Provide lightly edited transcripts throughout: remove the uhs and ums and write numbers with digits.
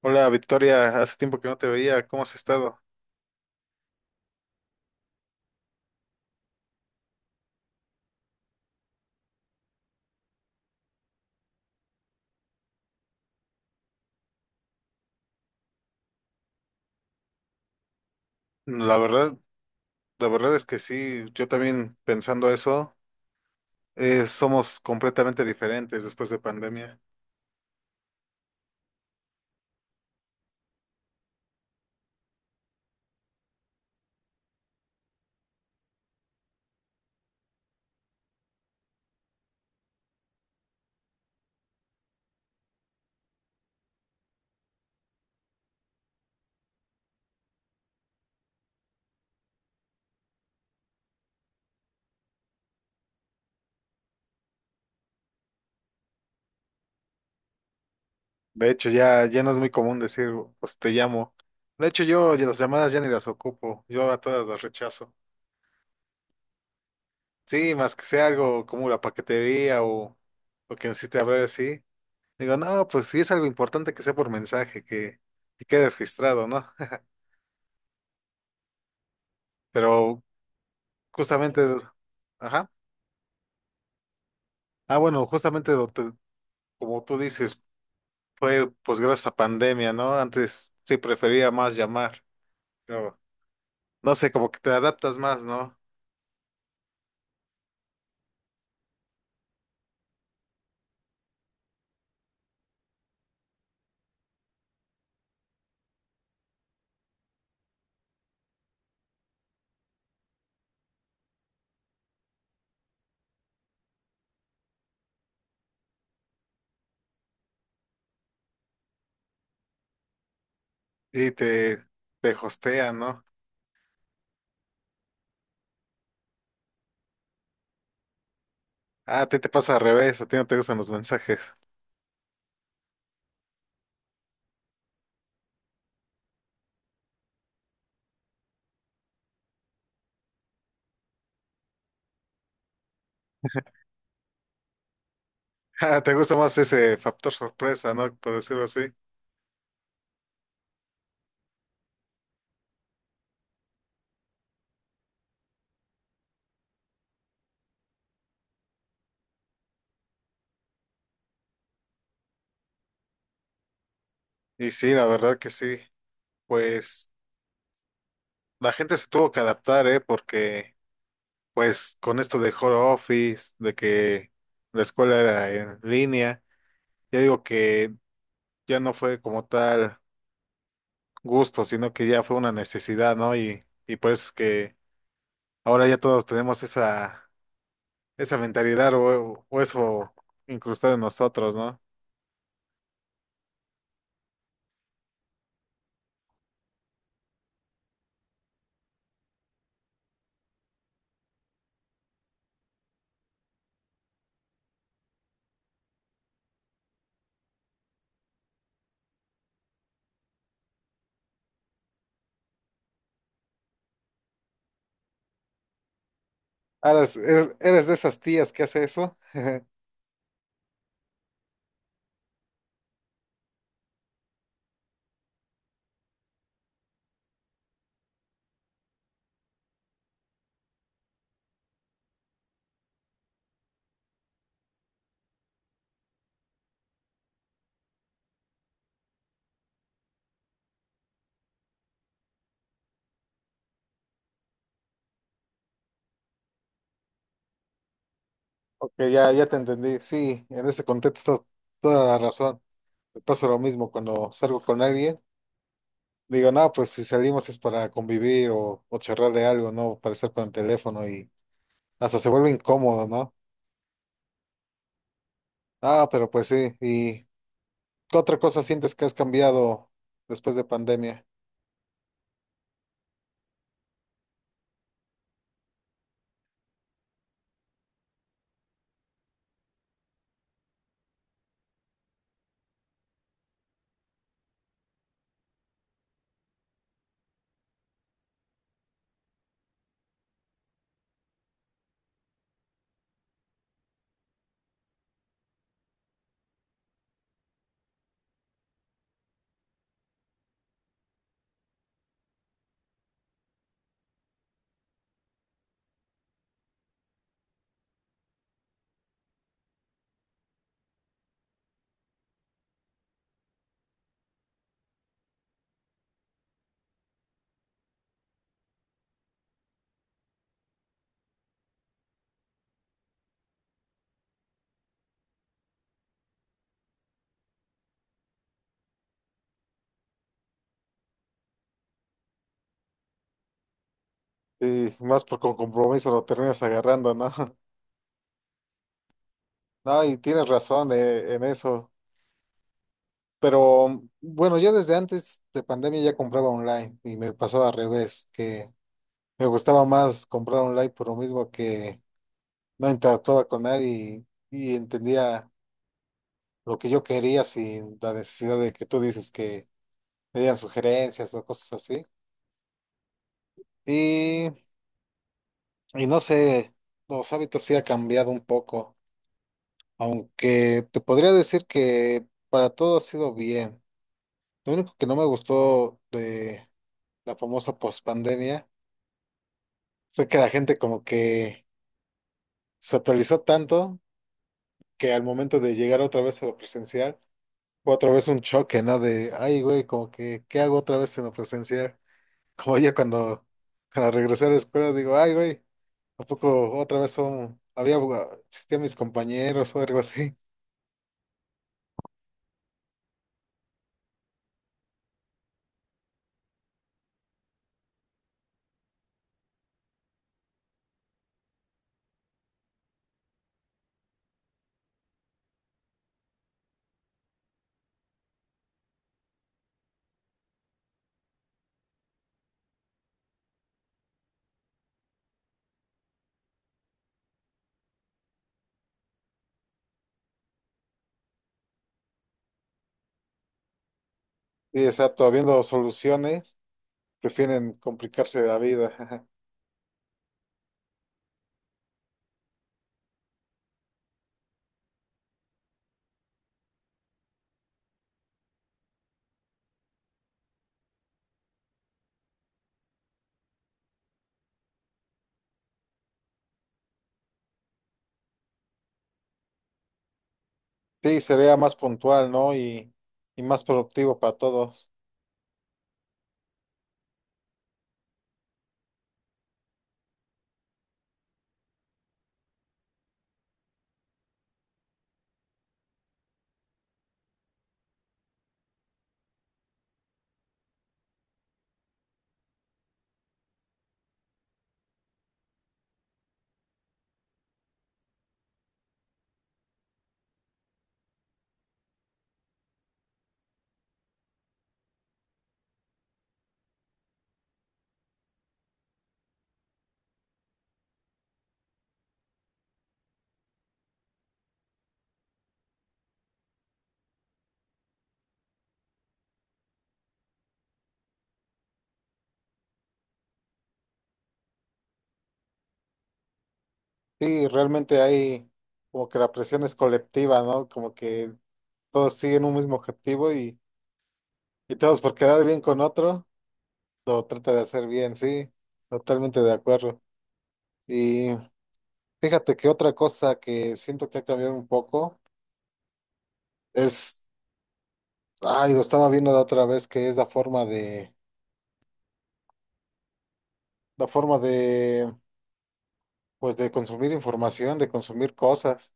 Hola Victoria, hace tiempo que no te veía, ¿cómo has estado? La verdad, la verdad es que sí, yo también pensando eso, somos completamente diferentes después de pandemia. De hecho, ya no es muy común decir, pues te llamo. De hecho, yo ya las llamadas ya ni las ocupo, yo a todas las rechazo. Sí, más que sea algo como la paquetería o que necesite hablar así. Digo, no, pues sí es algo importante que sea por mensaje, que quede registrado, ¿no? Pero justamente, ajá. Ah, bueno, como tú dices, fue pues gracias a pandemia, ¿no? Antes sí prefería más llamar, pero no sé, como que te adaptas más, ¿no? Y te hostean, ¿no? Ah, a ti te pasa al revés, a ti no te gustan los mensajes. Ah, te gusta más ese factor sorpresa, ¿no? Por decirlo así. Y sí, la verdad que sí. Pues la gente se tuvo que adaptar, ¿eh? Porque pues con esto de home office, de que la escuela era en línea. Yo digo que ya no fue como tal gusto, sino que ya fue una necesidad, ¿no? Y por eso es que ahora ya todos tenemos esa, esa mentalidad o eso incrustado en nosotros, ¿no? Eres, eres de esas tías que hace eso. Ok, ya te entendí. Sí, en ese contexto toda la razón. Me pasa lo mismo cuando salgo con alguien. Digo, no, pues si salimos es para convivir o charlar de algo, ¿no? Para estar con el teléfono y hasta se vuelve incómodo, ¿no? Ah, pero pues sí, y ¿qué otra cosa sientes que has cambiado después de pandemia? Y más por con compromiso lo terminas agarrando, ¿no? No, y tienes razón en eso. Pero bueno, yo desde antes de pandemia ya compraba online y me pasaba al revés, que me gustaba más comprar online por lo mismo que no interactuaba con nadie y entendía lo que yo quería sin la necesidad de que tú dices que me dieran sugerencias o cosas así. Y, y no sé, los hábitos sí ha cambiado un poco. Aunque te podría decir que para todo ha sido bien. Lo único que no me gustó de la famosa pospandemia fue que la gente como que se actualizó tanto que al momento de llegar otra vez a lo presencial fue otra vez un choque, ¿no? De, ay, güey, como que, ¿qué hago otra vez en lo presencial? Como ya cuando, cuando regresé a la escuela digo, ay, güey, ¿a poco otra vez son, había, existían mis compañeros o algo así? Y exacto, habiendo soluciones. Prefieren complicarse la vida. Ajá. Sí, sería más puntual, ¿no? Y más productivo para todos. Sí, realmente hay como que la presión es colectiva, ¿no? Como que todos siguen un mismo objetivo y todos por quedar bien con otro, lo trata de hacer bien, sí, totalmente de acuerdo. Y fíjate que otra cosa que siento que ha cambiado un poco es, ay, lo estaba viendo la otra vez, que es la forma de, pues de consumir información, de consumir cosas.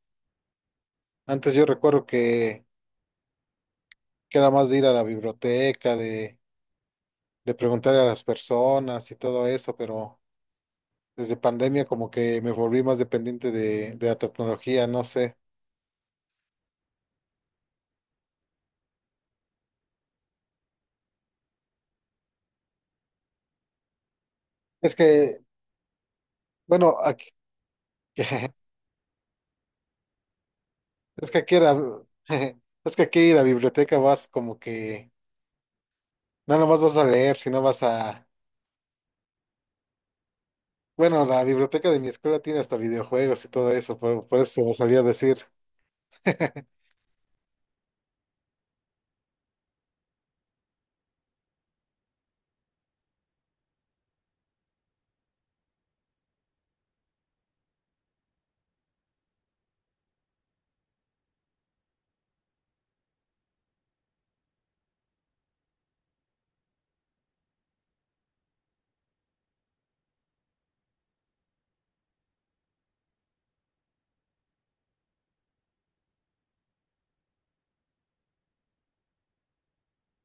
Antes yo recuerdo que era más de ir a la biblioteca, de preguntar a las personas y todo eso, pero desde pandemia como que me volví más dependiente de la tecnología, no sé. Es que, bueno, aquí, es que aquí era, es que aquí la biblioteca vas como que, no nomás vas a leer, sino vas a, bueno, la biblioteca de mi escuela tiene hasta videojuegos y todo eso, por eso me salía a decir.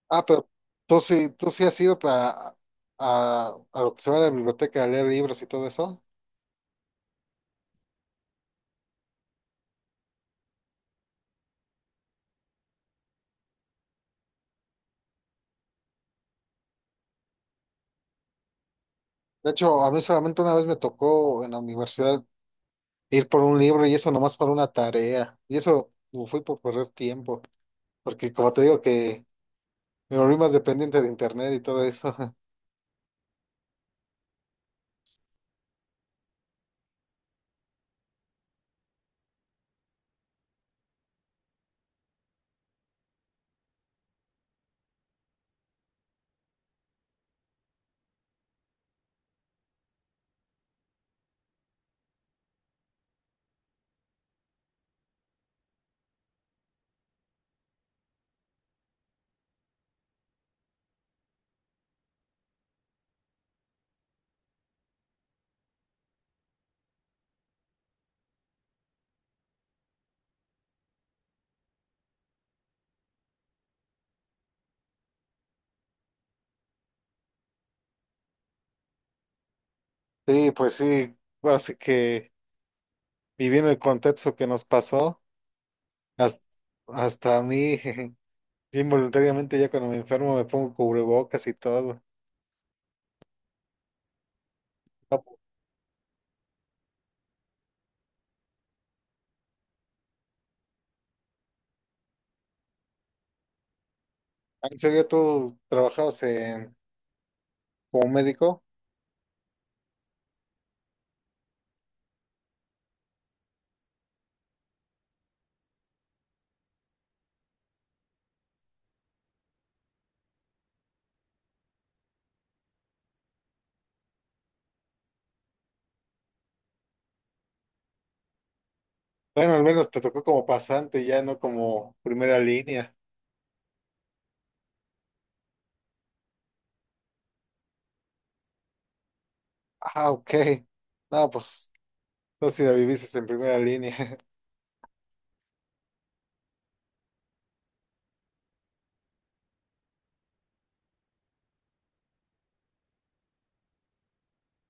Ah, pero tú sí has ido para, a lo que se va a la biblioteca a leer libros y todo eso. De hecho, a mí solamente una vez me tocó en la universidad ir por un libro y eso nomás para una tarea. Y eso fue por perder tiempo, porque como te digo que me volví más dependiente de internet y todo eso. Sí, pues sí, bueno, así que viviendo el contexto que nos pasó, hasta, hasta a mí, involuntariamente ya cuando me enfermo me pongo cubrebocas y todo. ¿En serio tú trabajabas en, como médico? Bueno, al menos te tocó como pasante, ya no como primera línea. Ah, ok. No, pues, no si la viviste en primera línea.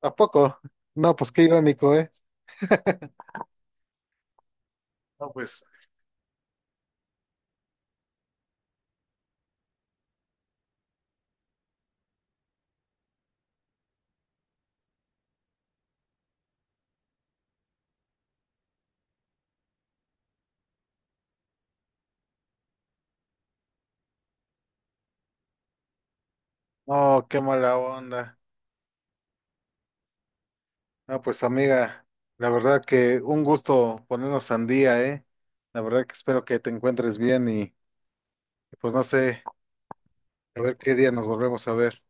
¿A poco? No, pues qué irónico, ¿eh? No, pues, no, qué mala onda. No, pues amiga, la verdad que un gusto ponernos al día, ¿eh? La verdad que espero que te encuentres bien y pues no sé, a ver qué día nos volvemos a ver.